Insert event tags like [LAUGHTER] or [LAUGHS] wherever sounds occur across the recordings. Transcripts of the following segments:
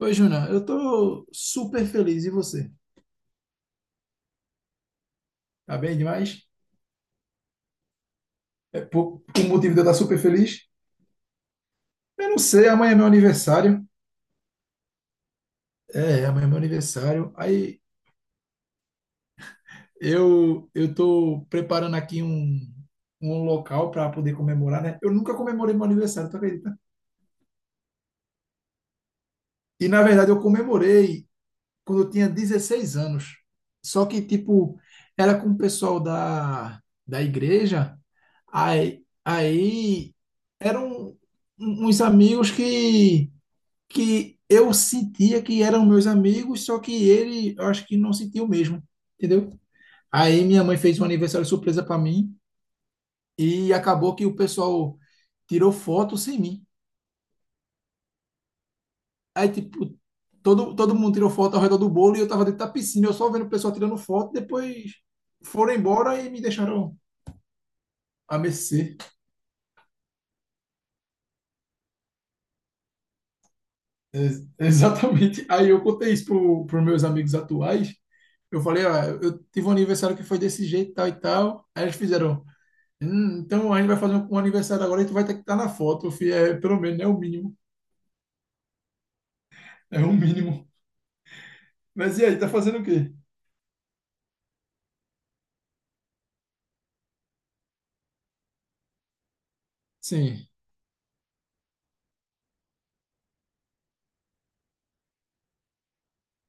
Oi, Juna, eu tô super feliz. E você? Tá bem demais? É por motivo de eu estar super feliz? Eu não sei, amanhã é meu aniversário. É, amanhã é meu aniversário. Aí eu tô preparando aqui um local para poder comemorar, né? Eu nunca comemorei meu aniversário, tu acredita? E na verdade eu comemorei quando eu tinha 16 anos. Só que, tipo, era com o pessoal da igreja, aí eram uns amigos que eu sentia que eram meus amigos, só que ele, eu acho que não sentiu mesmo, entendeu? Aí minha mãe fez um aniversário surpresa para mim e acabou que o pessoal tirou foto sem mim. Aí, tipo, todo mundo tirou foto ao redor do bolo e eu tava dentro da piscina, eu só vendo o pessoal tirando foto, depois foram embora e me deixaram a mercê. [LAUGHS] Exatamente. Aí eu contei isso pros meus amigos atuais. Eu falei, ó, eu tive um aniversário que foi desse jeito, tal e tal. Aí eles fizeram, então a gente vai fazer um aniversário agora e tu vai ter que estar na foto, filho. É, pelo menos, é o mínimo. É o mínimo. Mas e aí, tá fazendo o quê? Sim,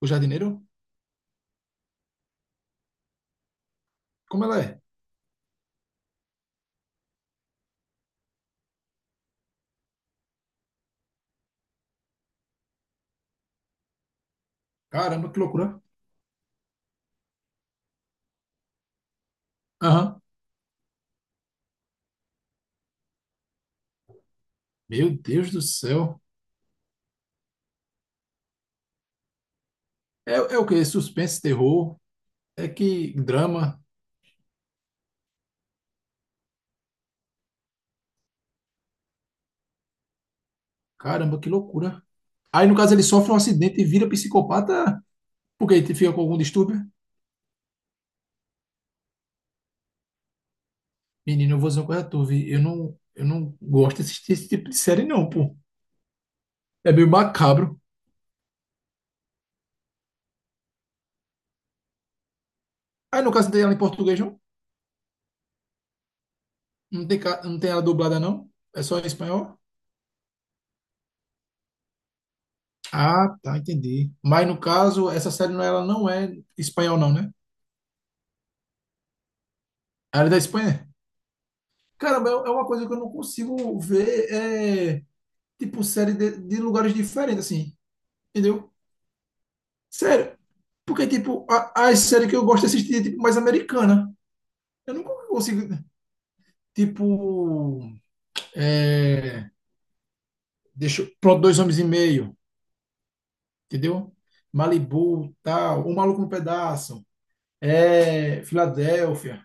o jardineiro? Como ela é? Caramba, que loucura. Aham. Meu Deus do céu. É, é o quê? Suspense, terror, é que drama. Caramba, que loucura. Aí, no caso, ele sofre um acidente e vira psicopata porque ele fica com algum distúrbio. Menino, eu vou dizer uma coisa a tu, vi. Eu não gosto de assistir esse tipo de série, não, pô. É meio macabro. Aí, no caso, não tem ela em português, não? Não tem, não tem ela dublada, não? É só em espanhol? Ah, tá, entendi. Mas, no caso, essa série, não, é, ela não é espanhol, não, né? Ela é da Espanha? Caramba, é é uma coisa que eu não consigo ver. É, tipo, série de lugares diferentes, assim, entendeu? Sério. Porque, tipo, as séries que eu gosto de assistir é, tipo, mais americana. Eu nunca consigo, tipo, é, pronto, dois homens e meio, entendeu? Malibu, tal, o Maluco no Pedaço, é, Filadélfia,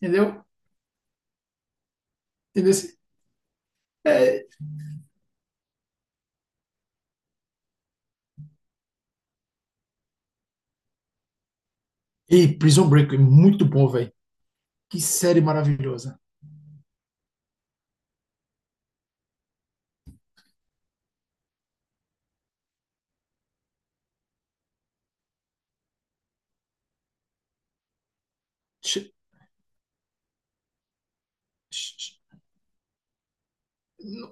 entendeu? Entendeu? esse- É, e Prison Break, é muito bom, velho. Que série maravilhosa. Sh- sh- sh-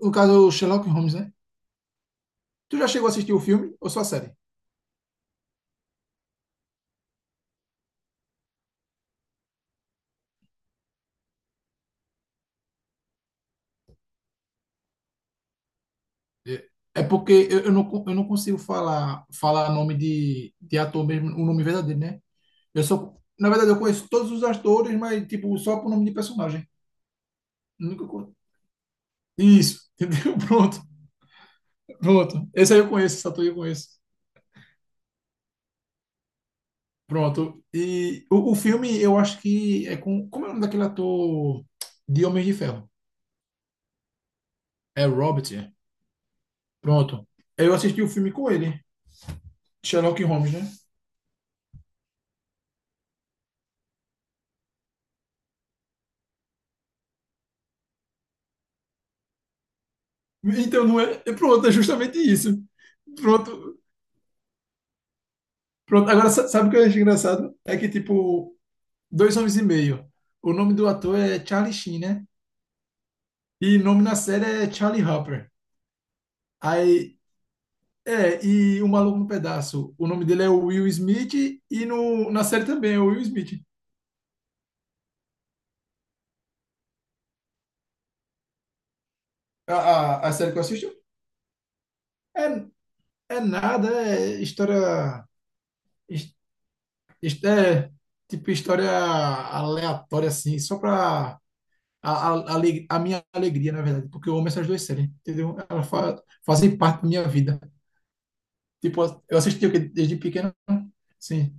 No caso, Sherlock Holmes, né? Tu já chegou a assistir o filme ou só a série? É é porque eu não, eu não consigo falar nome de ator mesmo, o nome verdadeiro, né? Eu só, na verdade, eu conheço todos os atores, mas tipo, só por nome de personagem. Nunca co- Isso, [LAUGHS] entendeu? Pronto. Esse aí eu conheço, esse ator eu conheço. Pronto. E o filme, eu acho que é com. Como é o nome daquele ator de Homem de Ferro? É Robert. É. Pronto. Eu assisti o filme com ele, Sherlock Holmes, né? Então não é. É pronto, é justamente isso. Pronto, pronto, agora sabe o que eu acho engraçado? É que, tipo, Dois Homens e Meio. O nome do ator é Charlie Sheen, né? E o nome na série é Charlie Harper. Aí, é, e O Maluco no Pedaço. O nome dele é Will Smith e no, na série também é Will Smith. A série que eu assisto é, é nada, é história. his- É, tipo, história aleatória, assim, só pra. A minha alegria, na verdade, porque eu amo essas duas séries, entendeu? Fazem parte da minha vida. Tipo, eu assisti o que desde pequeno. Sim.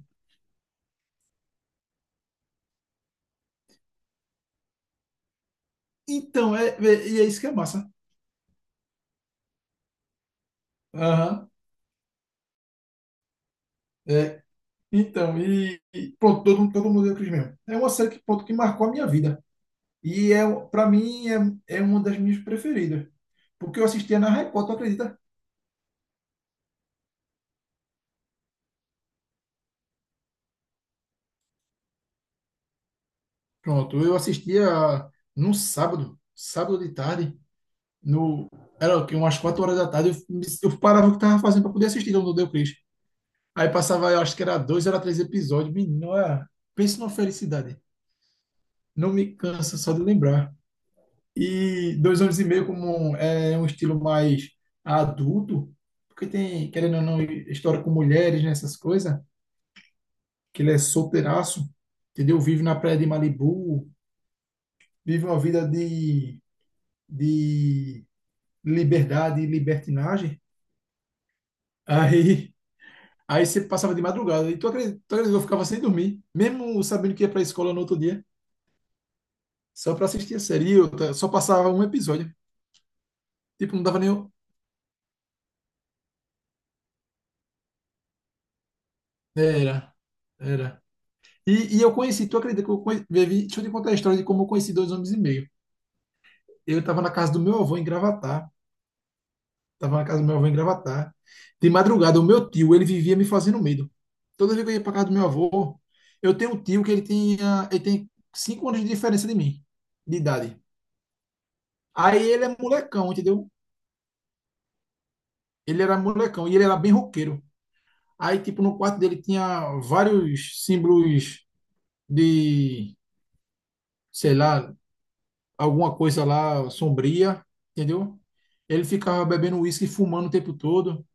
Então, e é isso que é massa. Aham. É. Então, e pronto, todo mundo deu o Cris mesmo. É uma série que, pronto, que marcou a minha vida. E é, para mim é, é uma das minhas preferidas. Porque eu assistia na Record, tu acredita? Pronto, eu assistia num sábado, sábado de tarde, no, era o quê? Umas 4 horas da tarde, eu parava o que estava fazendo para poder assistir Todo Mundo Deu Cris. Aí passava, eu acho que era dois, era três episódios. Pensa numa felicidade. Não me cansa só de lembrar. E dois anos e meio como é um estilo mais adulto, porque tem, querendo ou não, história com mulheres, nessas coisas, que ele é solteiraço, entendeu? Vive na praia de Malibu, vive uma vida de liberdade e libertinagem. Aí, aí você passava de madrugada, e tu acredita que eu ficava sem dormir, mesmo sabendo que ia pra escola no outro dia, só pra assistir a série, e eu só passava um episódio. Tipo, não dava nem. Era, era. E eu conheci, tu acredita que eu conheci, Vivi, deixa eu te contar a história de como eu conheci dois homens e meio. Eu estava na casa do meu avô em Gravatar, estava na casa do meu avô em Gravatar. De madrugada, o meu tio, ele vivia me fazendo medo. Toda vez que eu ia para casa do meu avô, eu tenho um tio que ele tem 5 anos de diferença de mim, de idade. Aí ele é molecão, entendeu? Ele era molecão e ele era bem roqueiro. Aí, tipo, no quarto dele tinha vários símbolos de, sei lá, alguma coisa lá sombria, entendeu? Ele ficava bebendo uísque e fumando o tempo todo.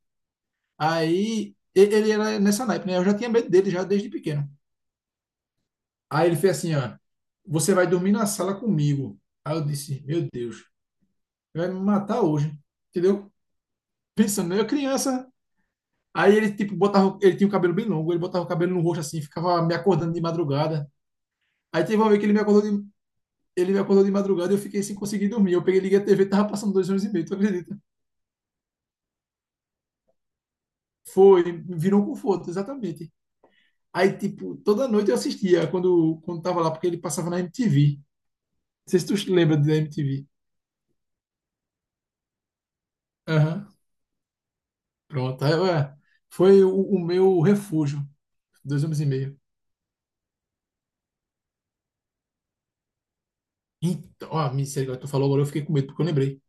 Ele era nessa naipe, né? Eu já tinha medo dele já desde pequeno. Aí ele fez assim, ó, você vai dormir na sala comigo. Aí eu disse, meu Deus, vai me matar hoje, entendeu? Pensando, né? Eu criança. Aí ele tipo botava, ele tinha o cabelo bem longo, ele botava o cabelo no rosto assim, ficava me acordando de madrugada. Aí teve uma vez que ele me acordou de madrugada e eu fiquei sem conseguir dormir. Eu peguei, liguei a TV, tava passando dois anos e meio, tu acredita? Foi, virou um conforto, exatamente. Aí, tipo, toda noite eu assistia quando tava lá, porque ele passava na MTV. Não sei se tu te lembra da MTV. Aham, pronto. Aí, ué, foi o meu refúgio. Dois anos e meio. Então, ó, misericórdia, tu falou agora, eu fiquei com medo, porque eu lembrei.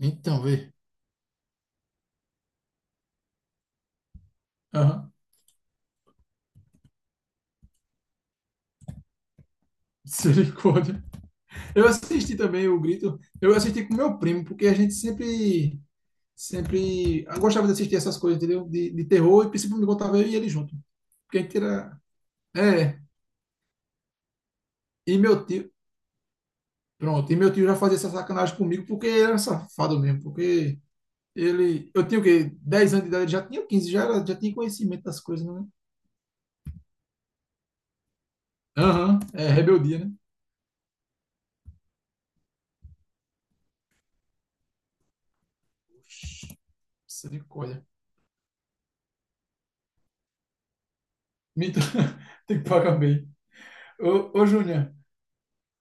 Então, vê. Aham, [LAUGHS] misericórdia. Eu assisti também o Grito. Eu assisti com meu primo, porque sempre eu gostava de assistir essas coisas, entendeu? De terror, e principalmente quando tava eu e ele junto. Porque a gente era. É, e meu tio, pronto, e meu tio já fazia essa sacanagem comigo porque ele era safado mesmo, porque ele, eu tinha o quê? 10 anos de idade, ele já tinha 15 já, era, já tinha conhecimento das coisas, né? Aham, é rebeldia, né? Oxi, misericórdia. Mito, [LAUGHS] tem que pagar bem. Ô, ô Júnior,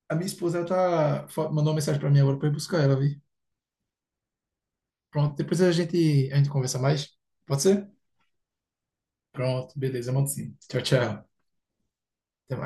a minha esposa ela tá, mandou uma mensagem pra mim agora pra eu ir buscar ela, vi? Pronto, depois a gente conversa mais. Pode ser? Pronto, beleza, mando sim. Tchau, tchau. Até mais.